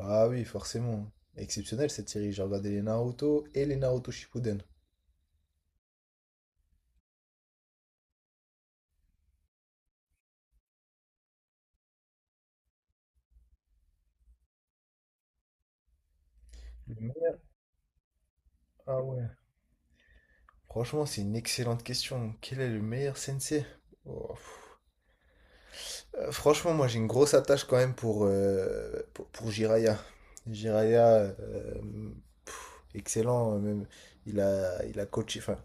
Ah oui, forcément. Exceptionnel cette série. J'ai regardé les Naruto et les Naruto Shippuden. Le meilleur- Ah ouais. Franchement, c'est une excellente question. Quel est le meilleur sensei? Oh, pff. Franchement, moi j'ai une grosse attache quand même pour Jiraiya. Jiraiya, euh, excellent. Même, il a coaché,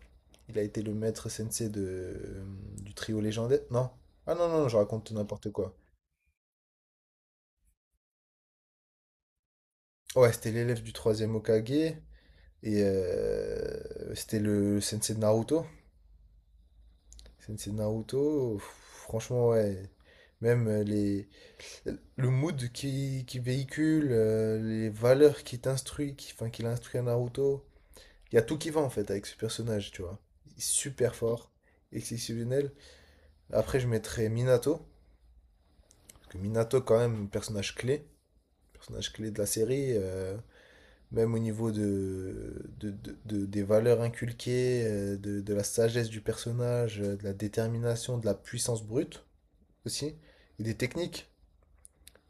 il a été le maître sensei du trio légendaire. Non? Ah non, non, je raconte n'importe quoi. Ouais, c'était l'élève du troisième Hokage. C'était le sensei de Naruto. Sensei de Naruto, franchement, ouais. Même euh, les, le mood qui véhicule, les valeurs qui t'instruit, qu'il instruit à Naruto. Il y a tout qui va en fait avec ce personnage, tu vois. Il est super fort, exceptionnel. Après, je mettrais Minato. Parce que Minato, quand même, personnage clé. Personnage clé de la série. Même au niveau des valeurs inculquées, de la sagesse du personnage, de la détermination, de la puissance brute aussi, et des techniques.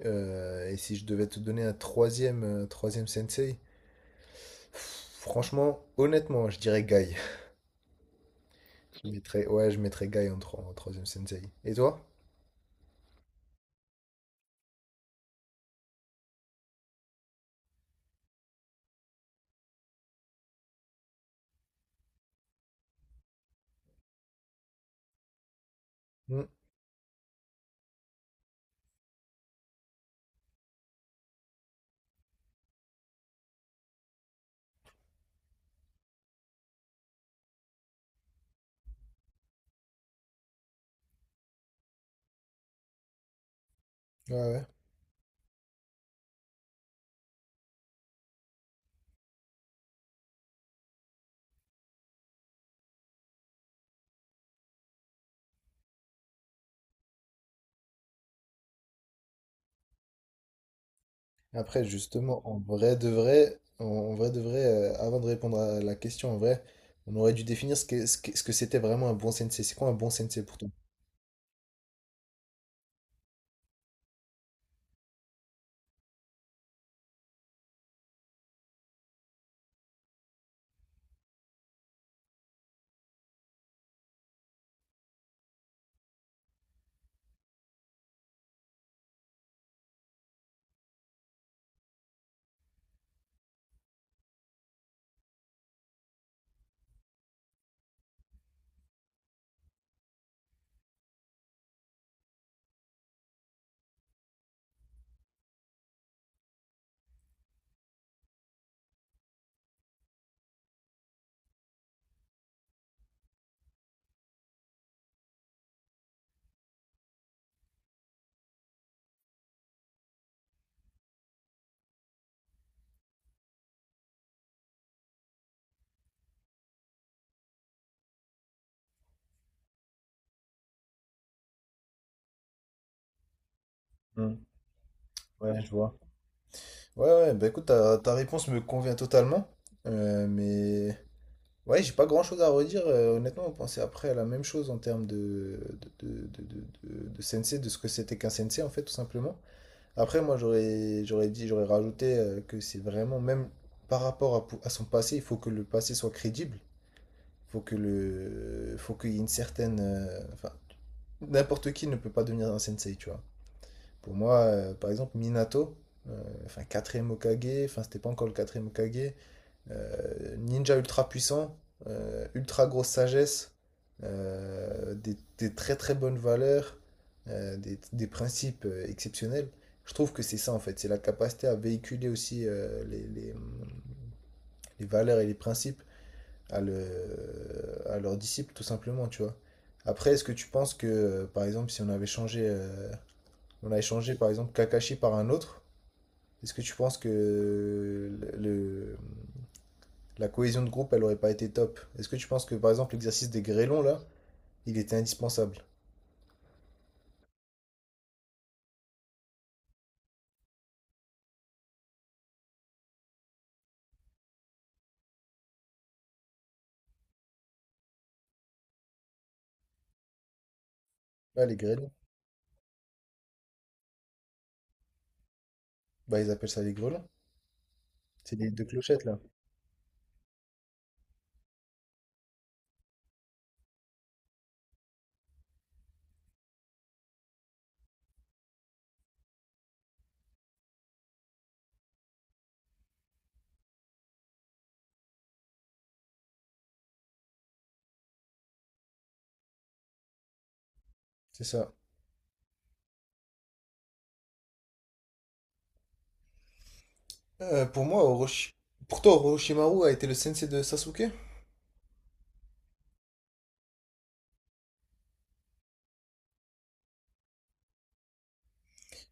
Et si je devais te donner un troisième, troisième sensei, franchement, honnêtement, je dirais Guy. Je mettrais, ouais, je mettrais Guy en troisième sensei. Et toi? Hmm, ouais, ouais. Après, justement, en vrai de vrai, avant de répondre à la question, en vrai, on aurait dû définir ce que c'était vraiment un bon sensei. C'est quoi un bon sensei pour toi? Hmm. Ouais, je vois. Ouais, ouais, bah écoute, ta réponse me convient totalement. Mais ouais, j'ai pas grand-chose à redire. Honnêtement, on pensait après à la même chose en termes de sensei, de ce que c'était qu'un sensei, en fait, tout simplement. Après, moi, j'aurais dit, j'aurais rajouté que c'est vraiment, même par rapport à son passé, il faut que le passé soit crédible. Faut faut qu'il y ait une certaine, n'importe qui ne peut pas devenir un sensei, tu vois. Pour moi, par exemple, Minato, enfin quatrième Hokage, enfin c'était pas encore le quatrième Hokage, ninja ultra puissant, ultra grosse sagesse, des très très bonnes valeurs, des principes exceptionnels. Je trouve que c'est ça en fait, c'est la capacité à véhiculer aussi les valeurs et les principes à leurs disciples, tout simplement, tu vois. Après, est-ce que tu penses que, par exemple, si on avait changé, on avait changé, par exemple, Kakashi par un autre, est-ce que tu penses que la cohésion de groupe, elle aurait pas été top? Est-ce que tu penses que, par exemple, l'exercice des grêlons, là, il était indispensable? Là, les grêlons, bah, ils appellent ça les grêlons. C'est les deux clochettes, là. C'est ça. Pour moi, pour toi, Orochimaru a été le sensei de Sasuke?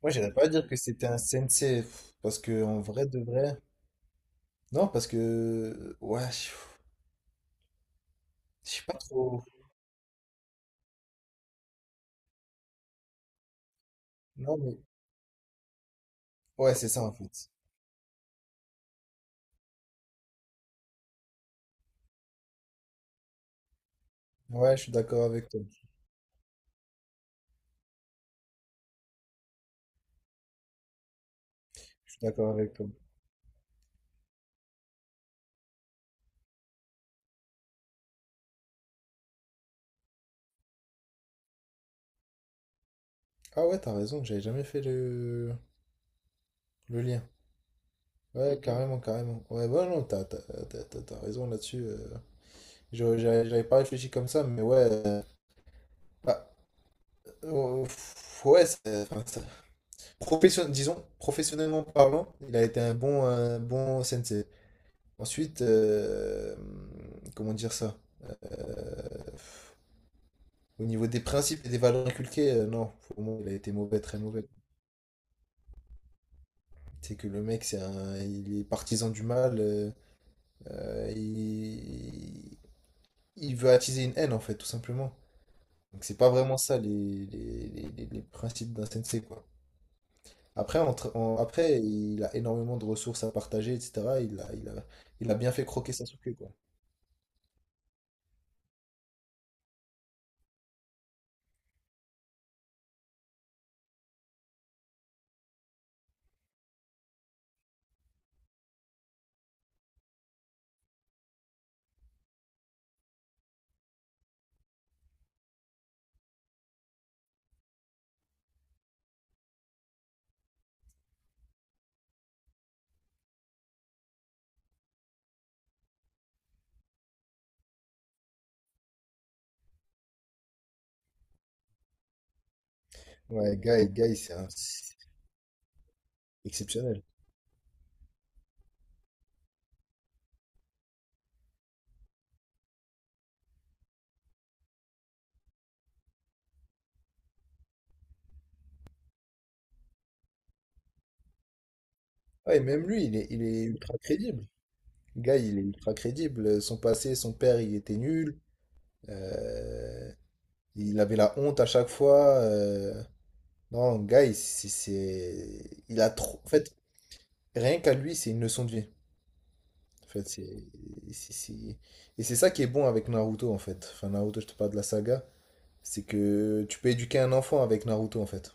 Moi, j'irais pas dire que c'était un sensei, pff, parce que en vrai de vrai, non, parce que... ouais, je sais pas trop. Non, mais... ouais, c'est ça, en fait. Ouais, je suis d'accord avec toi. Je suis d'accord avec toi. Ah ouais, t'as raison, j'avais jamais fait le lien. Ouais, mhm, carrément, carrément. Ouais, bah non, t'as raison là-dessus. J'avais pas réfléchi comme ça, mais ouais... bah, ouais, disons, professionnellement parlant, il a été un bon sensei. Ensuite, comment dire ça? euh, Au niveau des principes et des valeurs inculquées, non, pour moi, il a été mauvais, très mauvais. C'est que le mec, il est partisan du mal, euh, il... il veut attiser une haine, en fait, tout simplement. Donc c'est pas vraiment ça les principes d'un sensei, quoi. Après, après, il a énormément de ressources à partager, etc. Il a bien fait croquer Sasuke, quoi. Ouais, Guy, c'est exceptionnel. Ouais, même lui, il est ultra crédible. Guy, il est ultra crédible. Son passé, son père, il était nul. Euh, il avait la honte à chaque fois. Non, le gars, il a trop. En fait, rien qu'à lui, c'est une leçon de vie. En fait, c'est- c'est- et c'est ça qui est bon avec Naruto, en fait. Enfin, Naruto, je te parle de la saga. C'est que tu peux éduquer un enfant avec Naruto, en fait.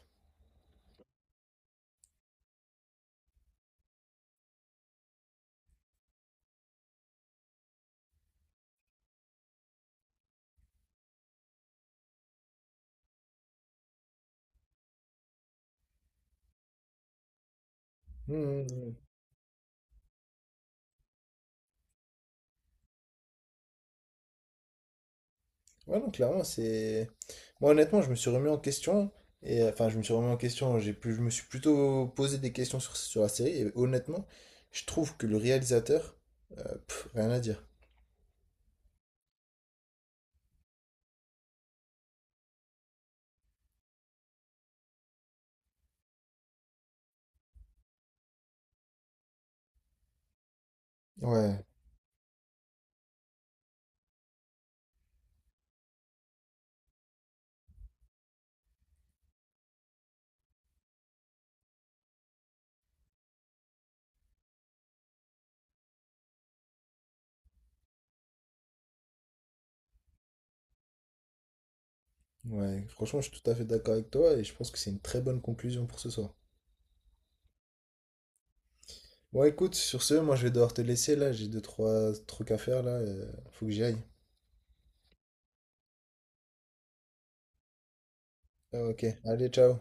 Mmh. Ouais, non, clairement, c'est. Moi, honnêtement, je me suis remis en question. Et enfin, je me suis remis en question. Je me suis plutôt posé des questions sur la série. Et honnêtement, je trouve que le réalisateur, pff, rien à dire. Ouais, ouais, franchement, je suis tout à fait d'accord avec toi et je pense que c'est une très bonne conclusion pour ce soir. Bon, écoute, sur ce, moi je vais devoir te laisser là, j'ai deux, trois trucs à faire là, faut que j'y aille. Ah, ok, allez, ciao.